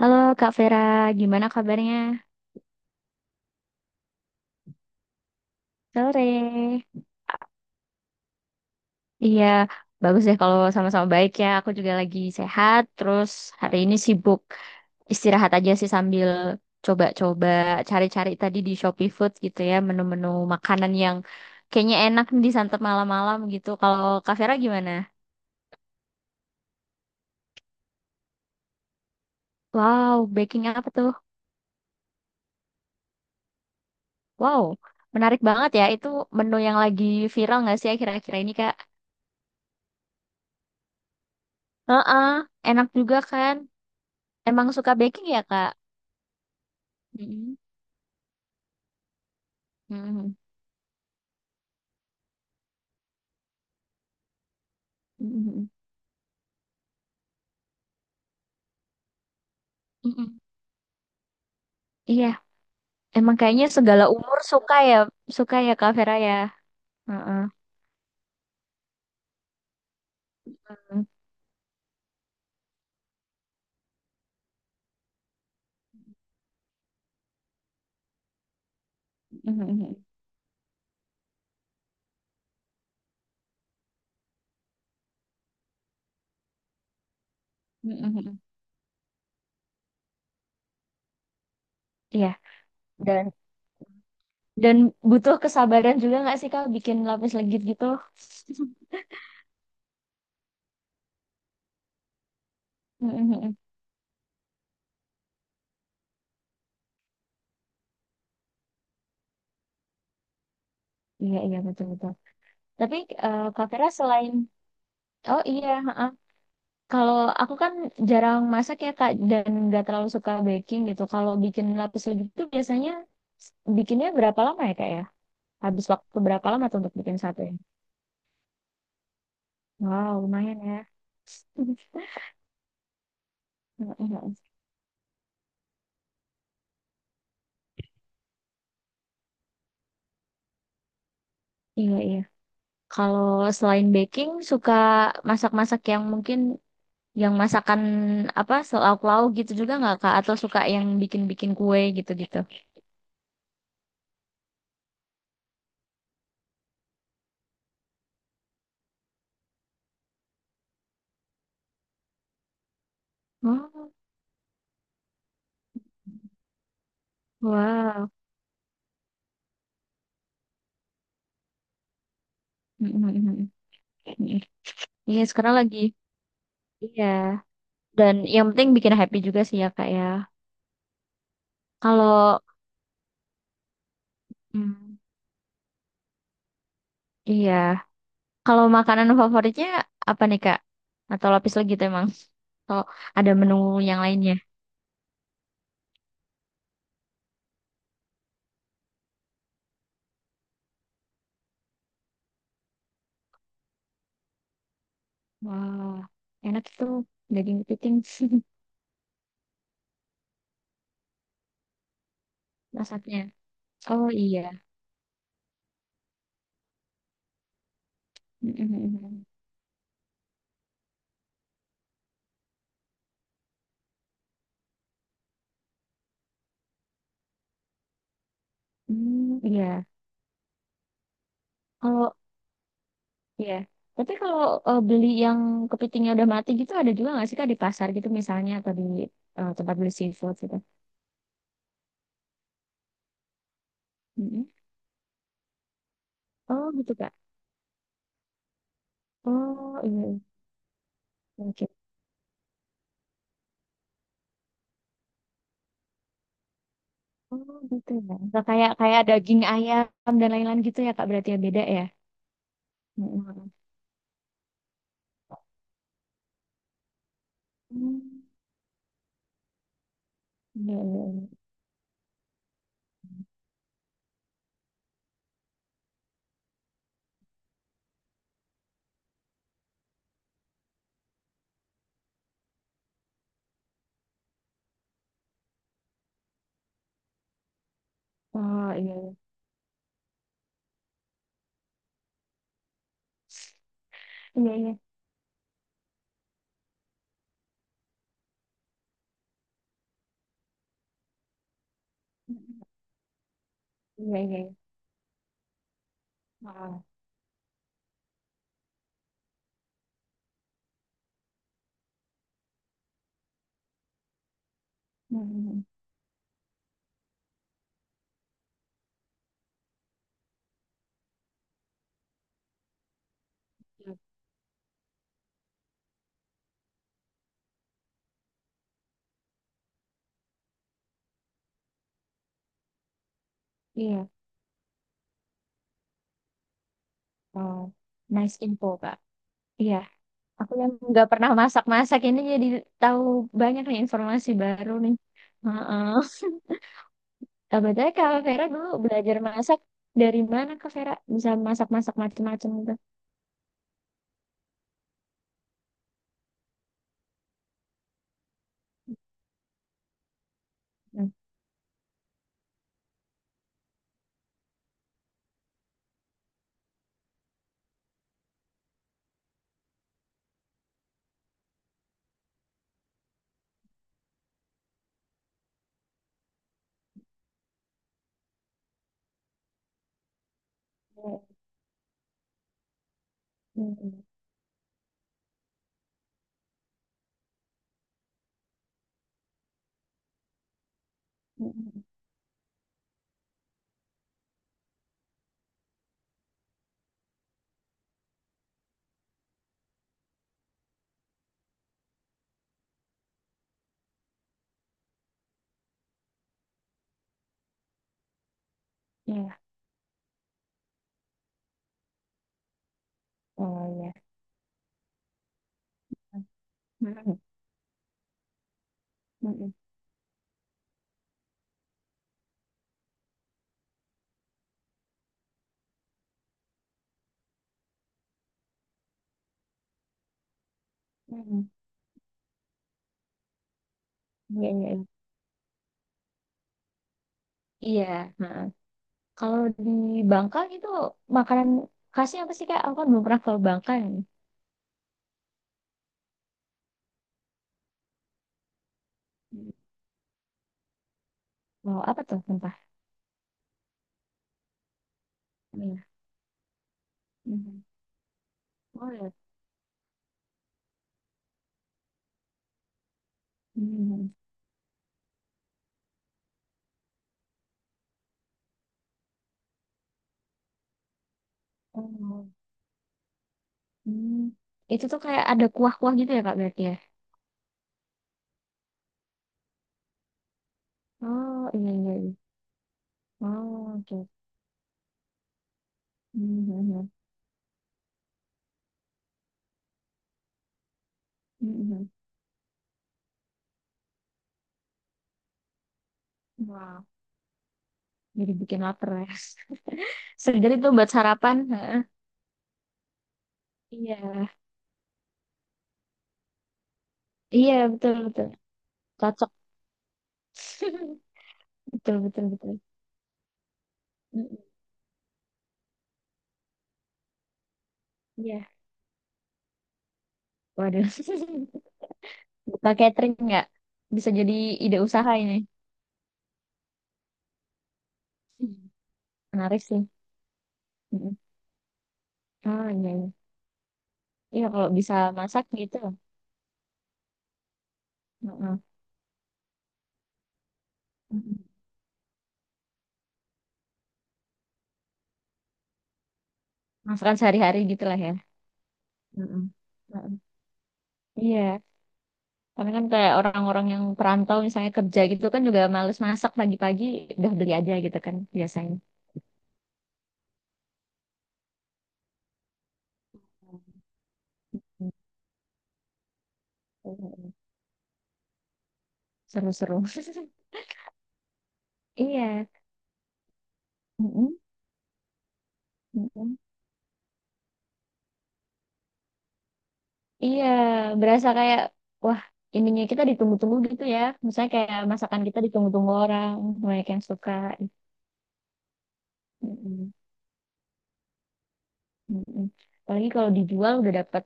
Halo Kak Vera, gimana kabarnya? Sore. Iya, bagus deh kalau sama-sama baik ya. Aku juga lagi sehat, terus hari ini sibuk istirahat aja sih sambil coba-coba cari-cari tadi di Shopee Food gitu ya, menu-menu makanan yang kayaknya enak disantap malam-malam gitu. Kalau Kak Vera gimana? Wow, baking apa tuh? Wow, menarik banget ya. Itu menu yang lagi viral nggak sih akhir-akhir ini, Kak? Heeh, enak juga kan? Emang suka baking ya, Kak? Mm-mm. Mm-mm. Mm-mm. Mm-mm. Iya, emang kayaknya segala umur suka ya Kak Vera ya. Heeh. Mm-mm. Mm-mm. Iya, dan dan butuh kesabaran juga nggak sih Kak bikin lapis legit gitu? Mm-mm. Iya, iya betul-betul. Tapi Kak Vera selain, oh iya, heeh. Kalau aku kan jarang masak ya Kak dan nggak terlalu suka baking gitu. Kalau bikin lapis legit itu biasanya bikinnya berapa lama ya Kak ya? Habis waktu berapa lama tuh untuk bikin satu ya? Wow, lumayan ya. Iya, iya. Kalau selain baking, suka masak-masak yang mungkin yang masakan apa lauk-lauk gitu juga nggak Kak? Atau suka yang bikin-bikin kue gitu-gitu? Oh, wow. Mm, mm, mm, mm, mm. Iya, sekarang lagi. Iya. Dan yang penting bikin happy juga sih ya Kak ya. Kalau mm, iya. Kalau makanan favoritnya apa nih Kak? Atau lapis legit emang? Atau ada menu yang lainnya? Wah, enak tuh daging kepiting masaknya. Oh iya. Mm-mm. Hmm, iya. Kalau iya. Tapi kalau beli yang kepitingnya udah mati gitu ada juga nggak sih Kak di pasar gitu misalnya atau di tempat beli seafood gitu? Mm-mm. Oh gitu Kak. Oh iya. iya. Oke. Oh gitu ya. Nggak kayak kayak daging ayam dan lain-lain gitu ya Kak berarti ya beda ya? Mm-mm. Hmm, iya, iya, iya. Ah, iya, iya, iya, iya, iya, iya. Ah, mm-mm. Iya, ah, nice info, Kak. Iya, aku yang nggak pernah masak-masak ini jadi tahu banyak nih informasi baru nih. Heeh. Nah, Betulnya Kak Vera dulu belajar masak dari mana Kak Vera bisa masak-masak macam-macam gitu? Nah, iya, mm-mm. Mm-mm. Iya, oh iya. Mm-mm. Mm-mm. Mm-mm. Iya, iya, iya. Iya, heeh. Kalau di Bangka itu makanan khasnya apa sih Kak? Aku kan belum pernah ke Bangka nih. Mau apa tuh sumpah? Iya. Hmm. Oh ya. Hmm. Oh. Hmm. Itu tuh kayak ada kuah-kuah gitu ya Kak berarti ya? Oh iya iya iya. Oh oke. Hmm. hmm, hmm. Hmm, hmm. Wow. Jadi bikin lapar ya. Segar itu buat sarapan. Heeh. Iya. Iya betul betul. Cocok. Betul betul betul. Mm, iya. Waduh. Buka catering nggak? Bisa jadi ide usaha ini. Hmm. Menarik sih. Mm-mm. Ah, iya, iya. Iya, kalau bisa masak gitu. Mm-mm. Mm-mm. Masakan sehari-hari gitu lah ya. Mm-mm. Mm-mm. Iya. Karena kan kayak orang-orang yang perantau misalnya kerja gitu kan juga males masak pagi-pagi udah beli aja gitu kan biasanya. Mm. Mm-mm. Seru-seru. Iya. Mm-mm. Mm-mm. Iya, berasa kayak wah ininya kita ditunggu-tunggu gitu ya. Misalnya kayak masakan kita ditunggu-tunggu orang, banyak yang suka. Mm-mm, mm-mm. Apalagi kalau dijual udah dapat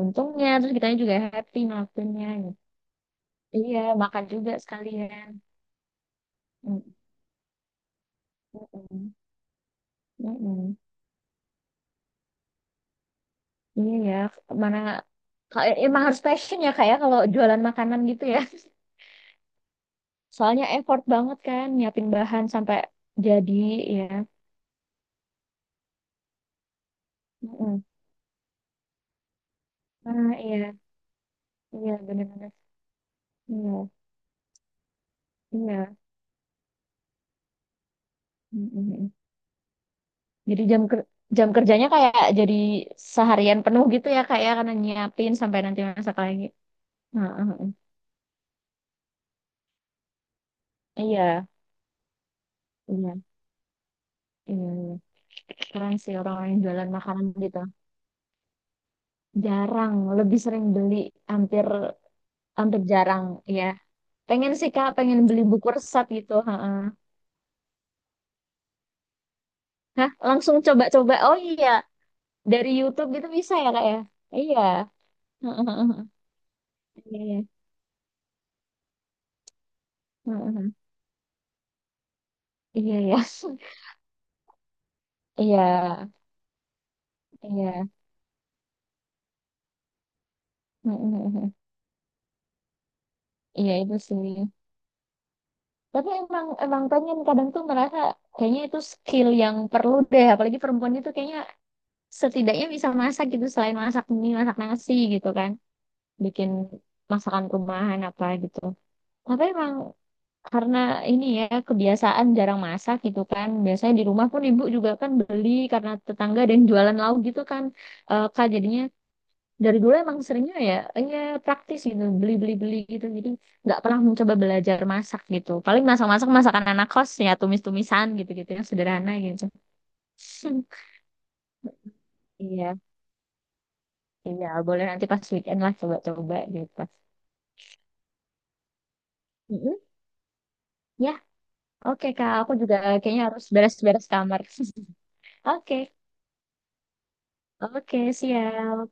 untungnya, terus kitanya juga happy ngelakuinnya. Gitu. Iya, makan juga sekalian. Mm, mm-mm, mm-mm. Iya ya, mana kayak emang harus passion ya kayak kalau jualan makanan gitu ya. Soalnya effort banget kan nyiapin bahan sampai jadi ya. Mm-mm. Ah iya, iya benar-benar. Iya. Iya. Mm-mm. Jadi jam kerjanya kayak jadi seharian penuh gitu ya kak ya karena nyiapin sampai nanti masak lagi. Heeh, heeh. Iya, iya, iya, iya. Keren sih orang-orang yang jualan makanan gitu. Jarang, lebih sering beli, hampir hampir jarang ya. Pengen sih kak, pengen beli buku resep gitu. Heeh. Hah, langsung coba-coba. Oh iya, dari YouTube gitu bisa ya kak ya? Iya. Heeh, heeh, heeh. Iya, iya. Heeh, heeh. Iya, iya. Iya, iya. Mm-mm-mm. Iya itu sih. Tapi emang emang pengen kadang tuh merasa kayaknya itu skill yang perlu deh. Apalagi perempuan itu kayaknya setidaknya bisa masak gitu selain masak mie, masak nasi gitu kan. Bikin masakan rumahan apa gitu. Tapi emang karena ini ya kebiasaan jarang masak gitu kan. Biasanya di rumah pun ibu juga kan beli karena tetangga dan jualan lauk gitu kan. Eh, Kak jadinya dari dulu emang seringnya ya praktis gitu beli beli beli gitu jadi nggak pernah mencoba belajar masak gitu paling masak masak masakan anak kos ya tumis tumisan gitu gitu yang sederhana gitu iya iya boleh nanti pas weekend lah coba coba gitu Mm-mm. ya oke kak aku juga kayaknya harus beres beres kamar oke oke siap